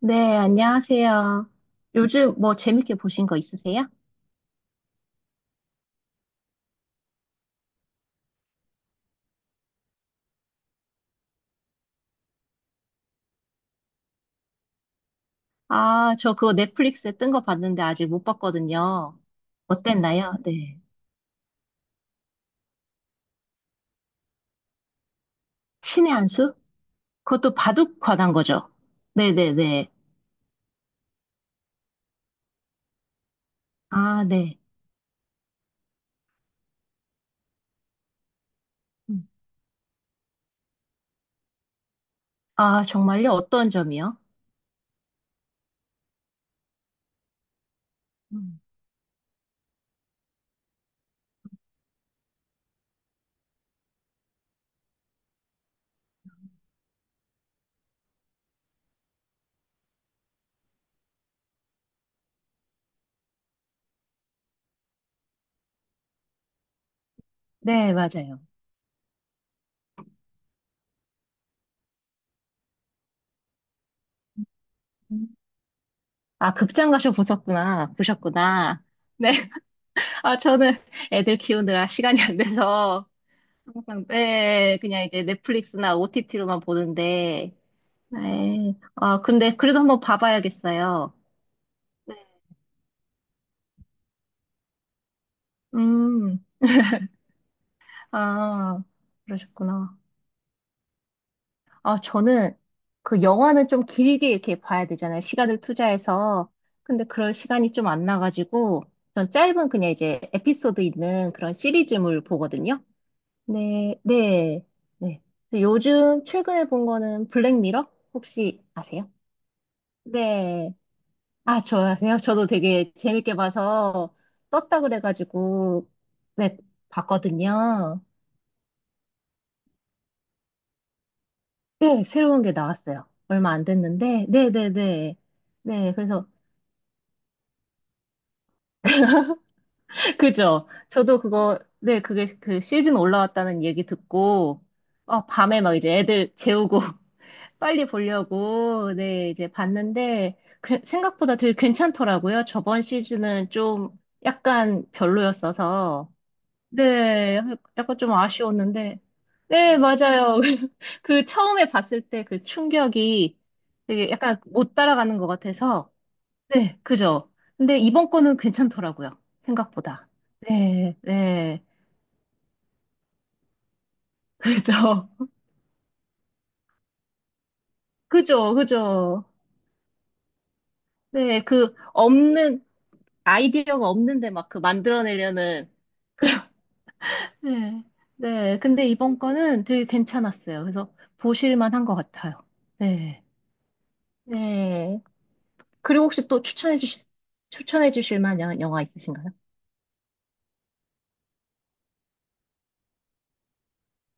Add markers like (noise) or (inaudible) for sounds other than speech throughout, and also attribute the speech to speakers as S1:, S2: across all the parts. S1: 네, 안녕하세요. 요즘 뭐 재밌게 보신 거 있으세요? 아, 저 그거 넷플릭스에 뜬 거 봤는데 아직 못 봤거든요. 어땠나요? 네. 신의 한 수? 그것도 바둑 관한 거죠? 네네네. 아, 네. 음. 아, 정말요? 어떤 점이요? 음. 네, 맞아요. 음. 아, 극장 가셔 보셨구나. 보셨구나. 네. (laughs) 아, 저는 애들 키우느라 시간이 안 돼서 항상, 네, 그냥 이제 넷플릭스나 OTT로만 보는데, 네. 아, 근데 그래도 한번 봐봐야겠어요. 네. 음, 아, 그러셨구나. 아, 저는 그 영화는 좀 길게 이렇게 봐야 되잖아요. 시간을 투자해서. 근데 그럴 시간이 좀 안 나가지고, 전 짧은 그냥 이제 에피소드 있는 그런 시리즈물 보거든요. 네, 네, 네. 그래서 요즘 최근에 본 거는 블랙미러? 혹시 아세요? 네. 아, 좋아하세요? 저도 되게 재밌게 봐서 떴다 그래가지고 네, 봤거든요. 네, 새로운 게 나왔어요. 얼마 안 됐는데. 네네네. 네, 네. 네, 그래서 (laughs) 그죠? 저도 그거 네, 그게 그 시즌 올라왔다는 얘기 듣고 어, 밤에 막 이제 애들 재우고 (laughs) 빨리 보려고 네, 이제 봤는데 생각보다 되게 괜찮더라고요. 저번 시즌은 좀 약간 별로였어서 네, 약간 좀 아쉬웠는데. 네, 맞아요. (laughs) 그 처음에 봤을 때 그 충격이 되게 약간 못 따라가는 것 같아서. 네, 그죠. 근데 이번 거는 괜찮더라고요. 생각보다. 네, 네. 그죠. (laughs) 그죠, 그죠. 네, 그 없는, 아이디어가 없는데 막 그 만들어내려는. 네, 네. 근데 이번 거는 되게 괜찮았어요. 그래서 보실만 한 것 같아요. 네, 네. 그리고 혹시 또 추천해 주실, 추천해 주실 만한 영화 있으신가요?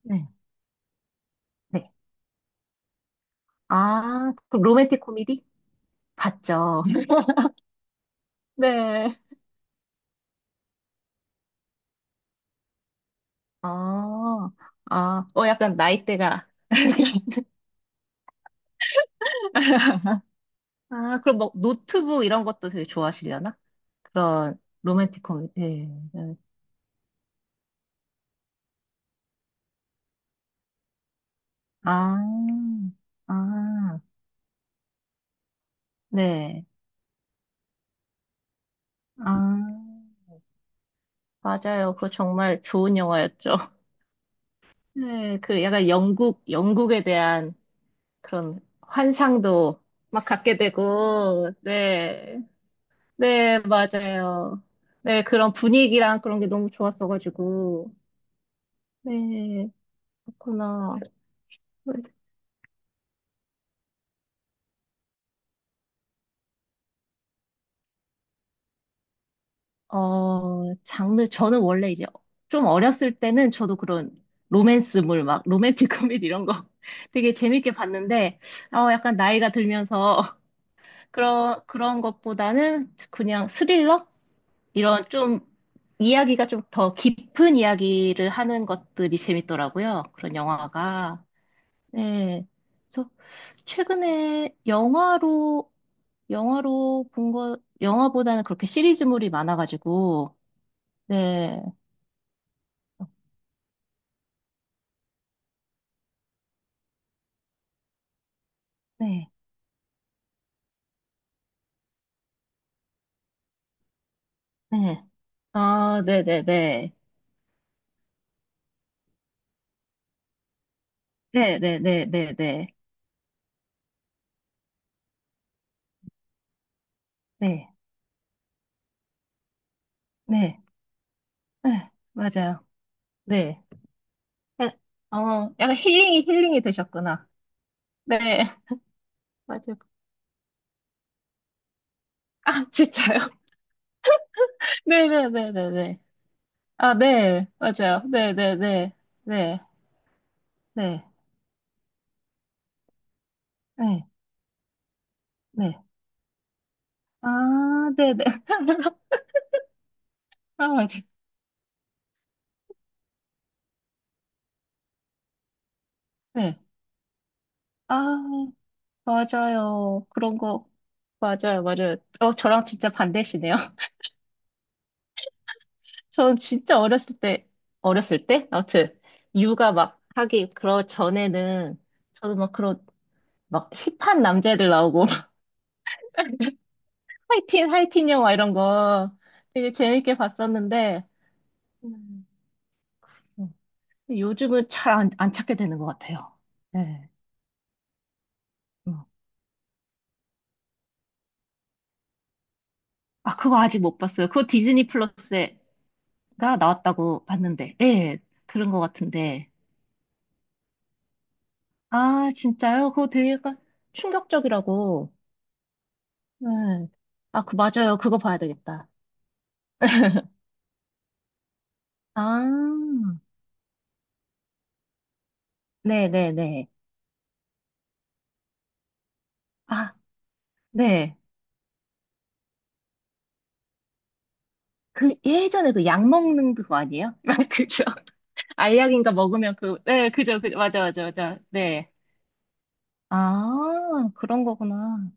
S1: 네. 네. 아, 그럼 로맨틱 코미디? 봤죠. (laughs) 네. 아, 아, 어, 약간 나이대가. (laughs) 아, 그럼 뭐 노트북 이런 것도 되게 좋아하시려나? 그런 로맨틱 코미디. 네, 네. 아, 아, 네. 아, 맞아요. 그거 정말 좋은 영화였죠. (laughs) 네, 그 약간 영국, 영국에 대한 그런 환상도 막 갖게 되고, 네. 네, 맞아요. 네, 그런 분위기랑 그런 게 너무 좋았어가지고. 네, 그렇구나. 장르, 저는 원래 이제 좀 어렸을 때는 저도 그런 로맨스물, 막 로맨틱 (laughs) 코미디 이런 거 (laughs) 되게 재밌게 봤는데, 어, 약간 나이가 들면서 (laughs) 그런, 그런 것보다는 그냥 스릴러? 이런 좀 이야기가 좀 더 깊은 이야기를 하는 것들이 재밌더라고요. 그런 영화가. 네. 그래서 최근에 영화로, 영화로 본 거, 영화보다는 그렇게 시리즈물이 많아가지고, 네. 네. 네. 아, 네네네. 네네네네네. 네. 네. 네. 네, 네, 네. 네. 네. 네. 맞아요. 네. 네. 어, 약간 힐링이 힐링이 되셨구나. 네. (laughs) 맞아요. 아, 진짜요? (laughs) 네네네네네. 아, 네, 맞아요. 네, 네, 네, 네, 네, 네, 네. 아, 네, 네. (laughs) 아, 맞아요. 네. 아, 맞아요. 그런 거. 맞아요, 맞아요. 어, 저랑 진짜 반대시네요. (laughs) 전 진짜 어렸을 때, 어렸을 때? 아무튼, 육아 막 하기, 그러 전에는, 저도 막 그런, 막 힙한 남자애들 나오고, (laughs) 하이틴, 하이틴 영화 이런 거 되게 재밌게 봤었는데, 음. 요즘은 잘 안, 안 찾게 되는 것 같아요. 네. 어. 아, 그거 아직 못 봤어요. 그거 디즈니 플러스가 나왔다고 봤는데, 예, 들은 것 같은데. 아, 진짜요? 그거 되게 약간 충격적이라고. 네. 아, 그, 맞아요. 그거 봐야 되겠다. 아, 네네네. 아, 네. 그 예전에 그 약 먹는 그거 아니에요? (laughs) 그죠? 알약인가 먹으면 그, 네, 그죠, 그죠. 맞아, 맞아, 맞아. 네. 아, 그런 거구나.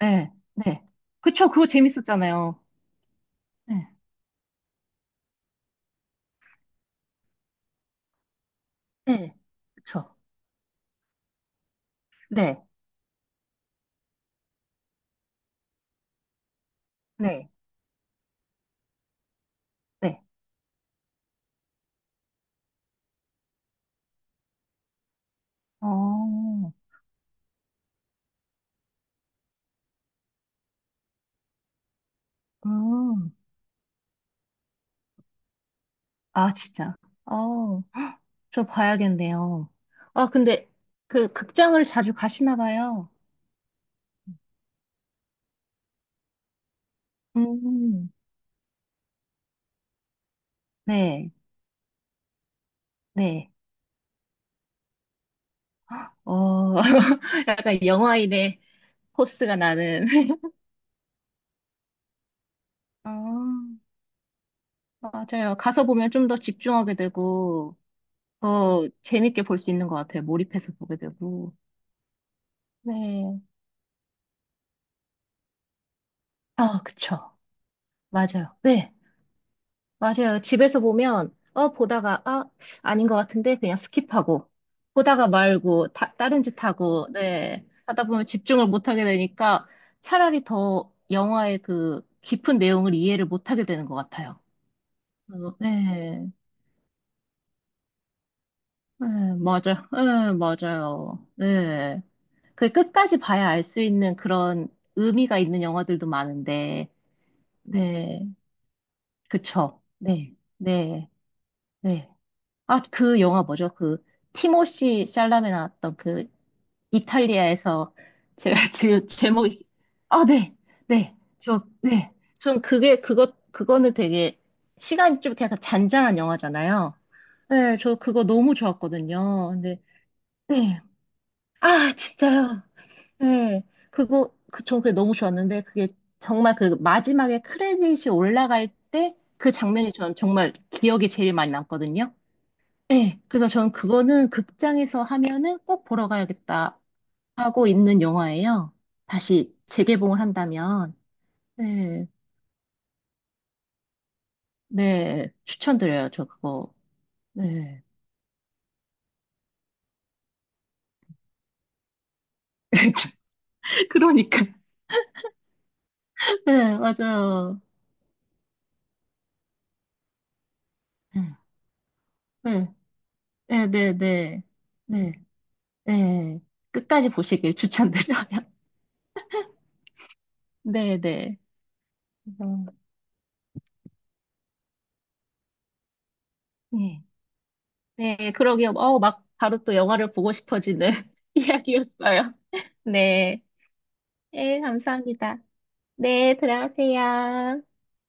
S1: 네, 네. 그쵸, 그거 재밌었잖아요. 네, 네. 그쵸. 네, 네, 네. 어, 음. 아, 진짜. 어, 저 봐야겠네요. 아, 근데 그 극장을 자주 가시나 봐요. 음. 네, 네. 어, (laughs) 약간 영화인의 포스가 나는. (laughs) 아, 맞아요. 가서 보면 좀 더 집중하게 되고, 더 재밌게 볼 수 있는 것 같아요. 몰입해서 보게 되고. 네. 아, 그쵸. 맞아요. 네. 맞아요. 집에서 보면, 어, 보다가, 아, 아닌 것 같은데, 그냥 스킵하고, 보다가 말고, 다, 다른 짓 하고, 네. 하다 보면 집중을 못하게 되니까 차라리 더 영화의 그 깊은 내용을 이해를 못하게 되는 것 같아요. 어, 네. 네, 맞아요. 네, 맞아요. 네. 그 끝까지 봐야 알 수 있는 그런 의미가 있는 영화들도 많은데, 네. 그쵸. 네. 네. 네. 아, 그 영화 뭐죠? 그 티모시 샬라메 나왔던 그 이탈리아에서 제가 (laughs) 지금 제목이 아, 네. 네. 저 네. 전 그게 그거 그거는 되게 시간이 좀 이렇게 약간 잔잔한 영화잖아요. 네, 저 그거 너무 좋았거든요. 근데 네. 아, 진짜요. 네. 그거 그, 저 그게 너무 좋았는데 그게 정말 그 마지막에 크레딧이 올라갈 때 그 장면이 전 정말 기억에 제일 많이 남거든요. 네, 그래서 저는 그거는 극장에서 하면은 꼭 보러 가야겠다 하고 있는 영화예요. 다시 재개봉을 한다면. 네, 네, 추천드려요, 저 그거. 네. (laughs) 그러니까. 네, 맞아요. 네, 네, 네, 네. 네, 네. 끝까지 보시길 추천드려요. (laughs) 네, 네. 음, 네, 네, 그러게요. 어, 막 바로 또 영화를 보고 싶어지는 (laughs) 이야기였어요. 네, 네, 감사합니다. 네, 들어가세요.